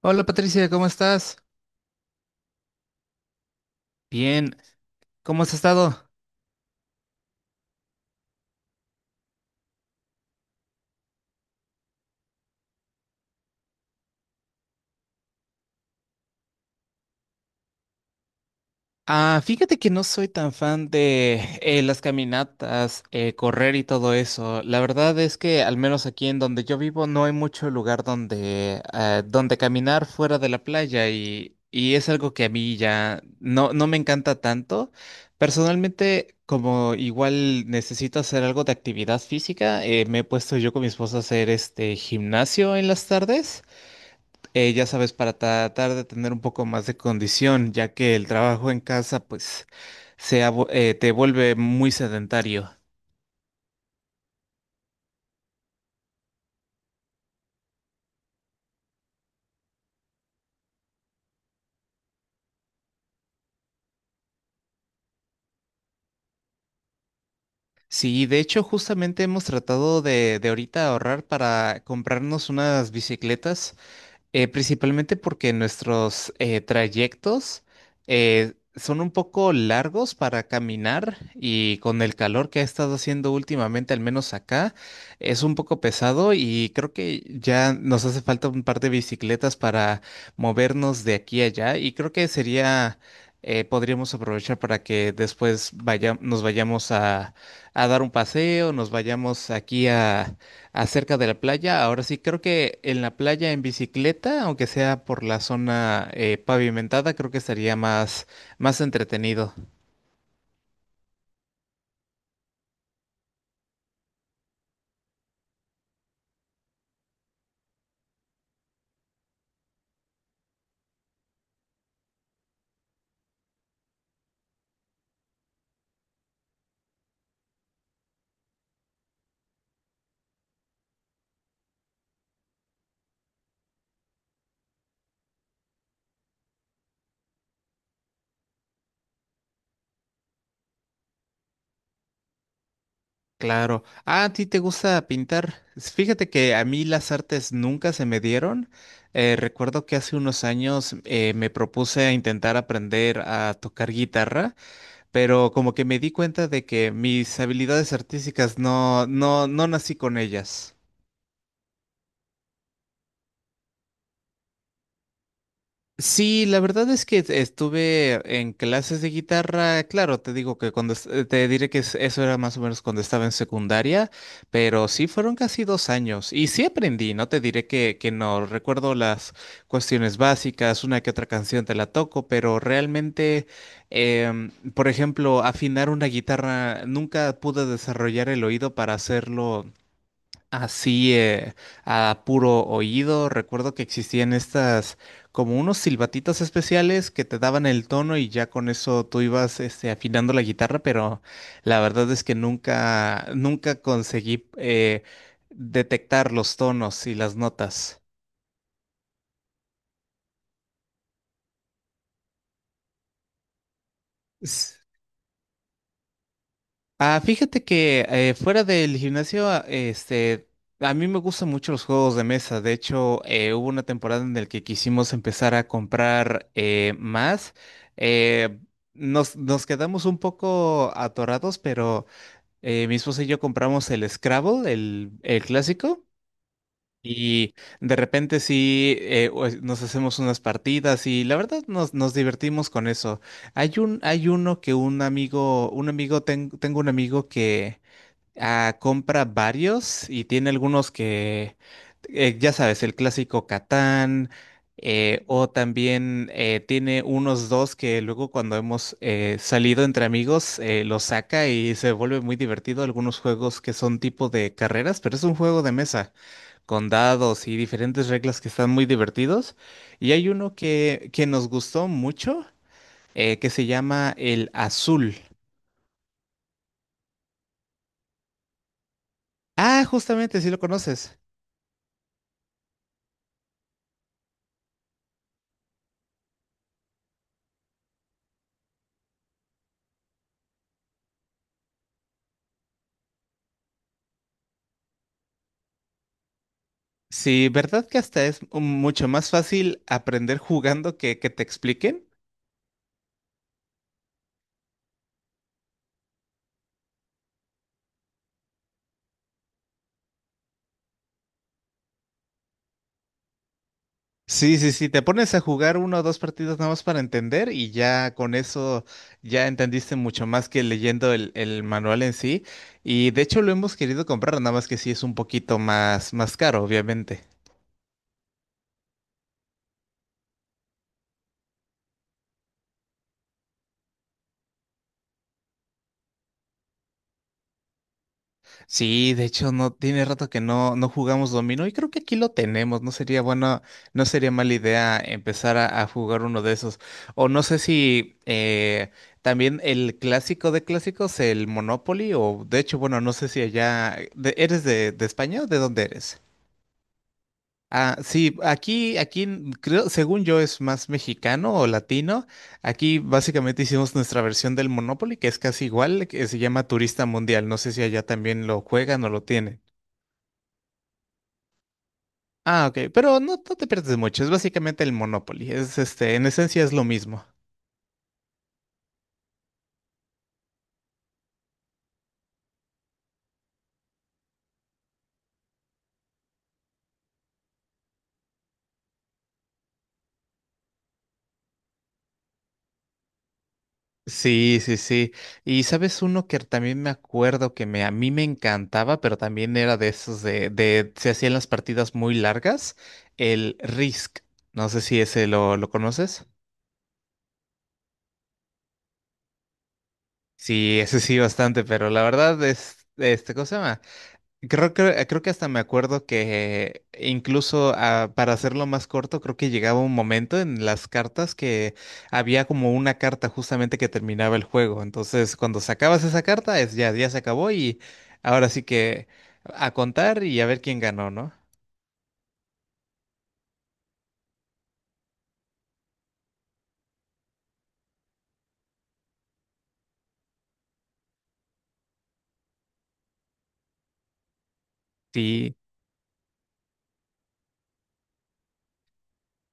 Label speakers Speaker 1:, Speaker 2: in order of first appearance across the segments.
Speaker 1: Hola Patricia, ¿cómo estás? Bien, ¿cómo has estado? Ah, fíjate que no soy tan fan de las caminatas, correr y todo eso. La verdad es que al menos aquí en donde yo vivo no hay mucho lugar donde caminar fuera de la playa y es algo que a mí ya no me encanta tanto. Personalmente, como igual necesito hacer algo de actividad física, me he puesto yo con mi esposa a hacer este gimnasio en las tardes. Ya sabes, para tratar de tener un poco más de condición, ya que el trabajo en casa, pues, te vuelve muy sedentario. Sí, de hecho, justamente hemos tratado de ahorita ahorrar para comprarnos unas bicicletas. Principalmente porque nuestros trayectos son un poco largos para caminar y con el calor que ha estado haciendo últimamente, al menos acá, es un poco pesado y creo que ya nos hace falta un par de bicicletas para movernos de aquí a allá y creo que sería, podríamos aprovechar para que después nos vayamos a dar un paseo, nos vayamos aquí a. Acerca de la playa, ahora sí, creo que en la playa en bicicleta, aunque sea por la zona pavimentada, creo que estaría más, más entretenido. Claro. Ah, ¿a ti te gusta pintar? Fíjate que a mí las artes nunca se me dieron. Recuerdo que hace unos años me propuse a intentar aprender a tocar guitarra, pero como que me di cuenta de que mis habilidades artísticas no nací con ellas. Sí, la verdad es que estuve en clases de guitarra, claro, te digo que cuando te diré que eso era más o menos cuando estaba en secundaria, pero sí fueron casi 2 años y sí aprendí, no te diré que no, recuerdo las cuestiones básicas, una que otra canción te la toco, pero realmente, por ejemplo, afinar una guitarra, nunca pude desarrollar el oído para hacerlo así, a puro oído, recuerdo que existían estas como unos silbatitos especiales que te daban el tono y ya con eso tú ibas afinando la guitarra, pero la verdad es que nunca, nunca conseguí detectar los tonos y las notas. Ah, fíjate que fuera del gimnasio, a mí me gustan mucho los juegos de mesa. De hecho, hubo una temporada en la que quisimos empezar a comprar más. Eh, nos quedamos un poco atorados, pero mi esposa y yo compramos el Scrabble, el clásico. Y de repente sí, nos hacemos unas partidas y la verdad nos divertimos con eso. Hay uno que tengo un amigo que. Ah, compra varios y tiene algunos que, ya sabes, el clásico Catán, o también tiene unos dos que luego cuando hemos salido entre amigos los saca y se vuelve muy divertido. Algunos juegos que son tipo de carreras, pero es un juego de mesa con dados y diferentes reglas que están muy divertidos. Y hay uno que nos gustó mucho que se llama el Azul. Ah, justamente, si lo conoces. Sí, ¿verdad que hasta es mucho más fácil aprender jugando que te expliquen? Sí, sí, sí, te pones a jugar uno o dos partidos nada más para entender y ya con eso ya entendiste mucho más que leyendo el manual en sí. Y de hecho lo hemos querido comprar, nada más que sí es un poquito más, más caro, obviamente. Sí, de hecho, no tiene rato que no jugamos dominó y creo que aquí lo tenemos. No sería bueno, no sería mala idea empezar a jugar uno de esos. O no sé si también el clásico de clásicos, el Monopoly, o de hecho, bueno, no sé si allá eres de España o de dónde eres. Ah, sí, creo, según yo, es más mexicano o latino. Aquí básicamente hicimos nuestra versión del Monopoly, que es casi igual, que se llama Turista Mundial. No sé si allá también lo juegan o lo tienen. Ah, ok, pero no te pierdes mucho, es básicamente el Monopoly, es en esencia es lo mismo. Sí, sí, sí. Y sabes uno que también me acuerdo que a mí me encantaba, pero también era de esos de se hacían las partidas muy largas, el Risk. No sé si ese lo conoces. Sí, ese sí bastante, pero la verdad es, ¿cómo se llama? Creo que hasta me acuerdo que incluso para hacerlo más corto, creo que llegaba un momento en las cartas que había como una carta justamente que terminaba el juego. Entonces, cuando sacabas esa carta, es ya se acabó y ahora sí que a contar y a ver quién ganó, ¿no? Sí,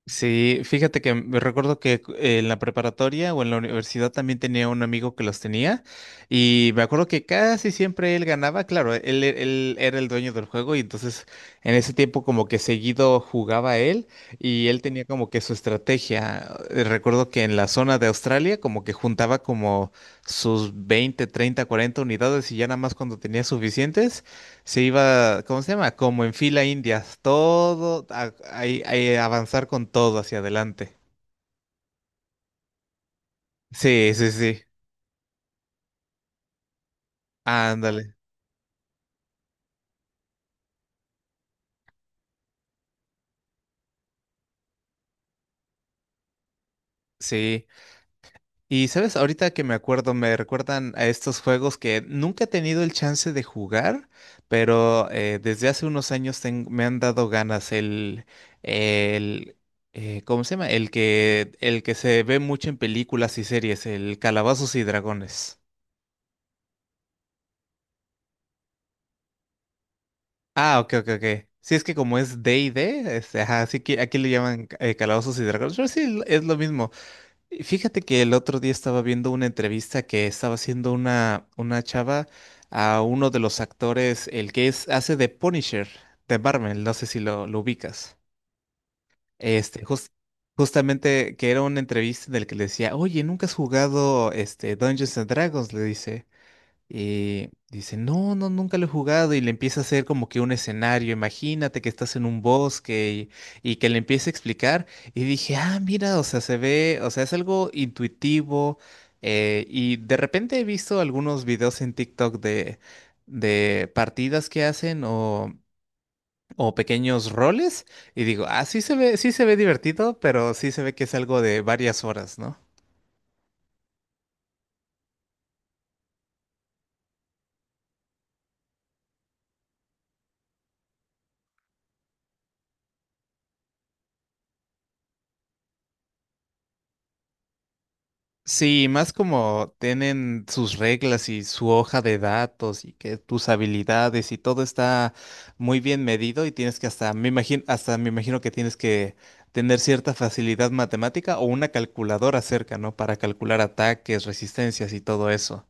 Speaker 1: sí, fíjate que me recuerdo que en la preparatoria o en la universidad también tenía un amigo que los tenía y me acuerdo que casi siempre él ganaba, claro, él era el dueño del juego y entonces en ese tiempo como que seguido jugaba él y él tenía como que su estrategia. Recuerdo que en la zona de Australia como que juntaba como sus 20, 30, 40 unidades y ya nada más cuando tenía suficientes se iba, ¿cómo se llama? Como en fila indias, todo, ahí avanzar con todo hacia adelante. Sí, sí, sí. Ándale, sí. Y sabes, ahorita que me acuerdo, me recuerdan a estos juegos que nunca he tenido el chance de jugar, pero desde hace unos años me han dado ganas el, ¿cómo se llama? El que se ve mucho en películas y series, el Calabazos y Dragones. Ah, ok, ok, ok. Sí, es que como es D D&D, ajá, así que aquí le llaman Calabozos y Dragones, pero sí, es lo mismo. Y fíjate que el otro día estaba viendo una entrevista que estaba haciendo una chava a uno de los actores, el que es, hace de Punisher, de Marvel, no sé si lo ubicas. Este, jus- Justamente que era una entrevista del que le decía, oye, ¿nunca has jugado Dungeons and Dragons? Le dice no, no, nunca lo he jugado y le empieza a hacer como que un escenario, imagínate que estás en un bosque y que le empiece a explicar y dije, ah, mira, o sea, se ve, o sea, es algo intuitivo y de repente he visto algunos videos en TikTok de partidas que hacen o pequeños roles y digo, ah, sí se ve divertido, pero sí se ve que es algo de varias horas, ¿no? Sí, más como tienen sus reglas y su hoja de datos y que tus habilidades y todo está muy bien medido y tienes que hasta me imagino que tienes que tener cierta facilidad matemática o una calculadora cerca, ¿no? Para calcular ataques, resistencias y todo eso.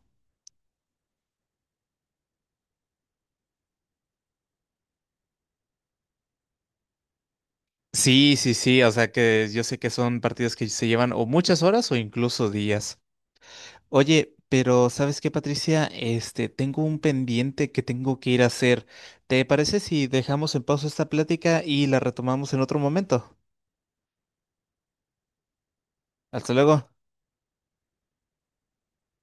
Speaker 1: Sí, sí, sí, o sea que yo sé que son partidos que se llevan o muchas horas o incluso días. Oye, pero ¿sabes qué, Patricia? Tengo un pendiente que tengo que ir a hacer. ¿Te parece si dejamos en pausa esta plática y la retomamos en otro momento? Hasta luego.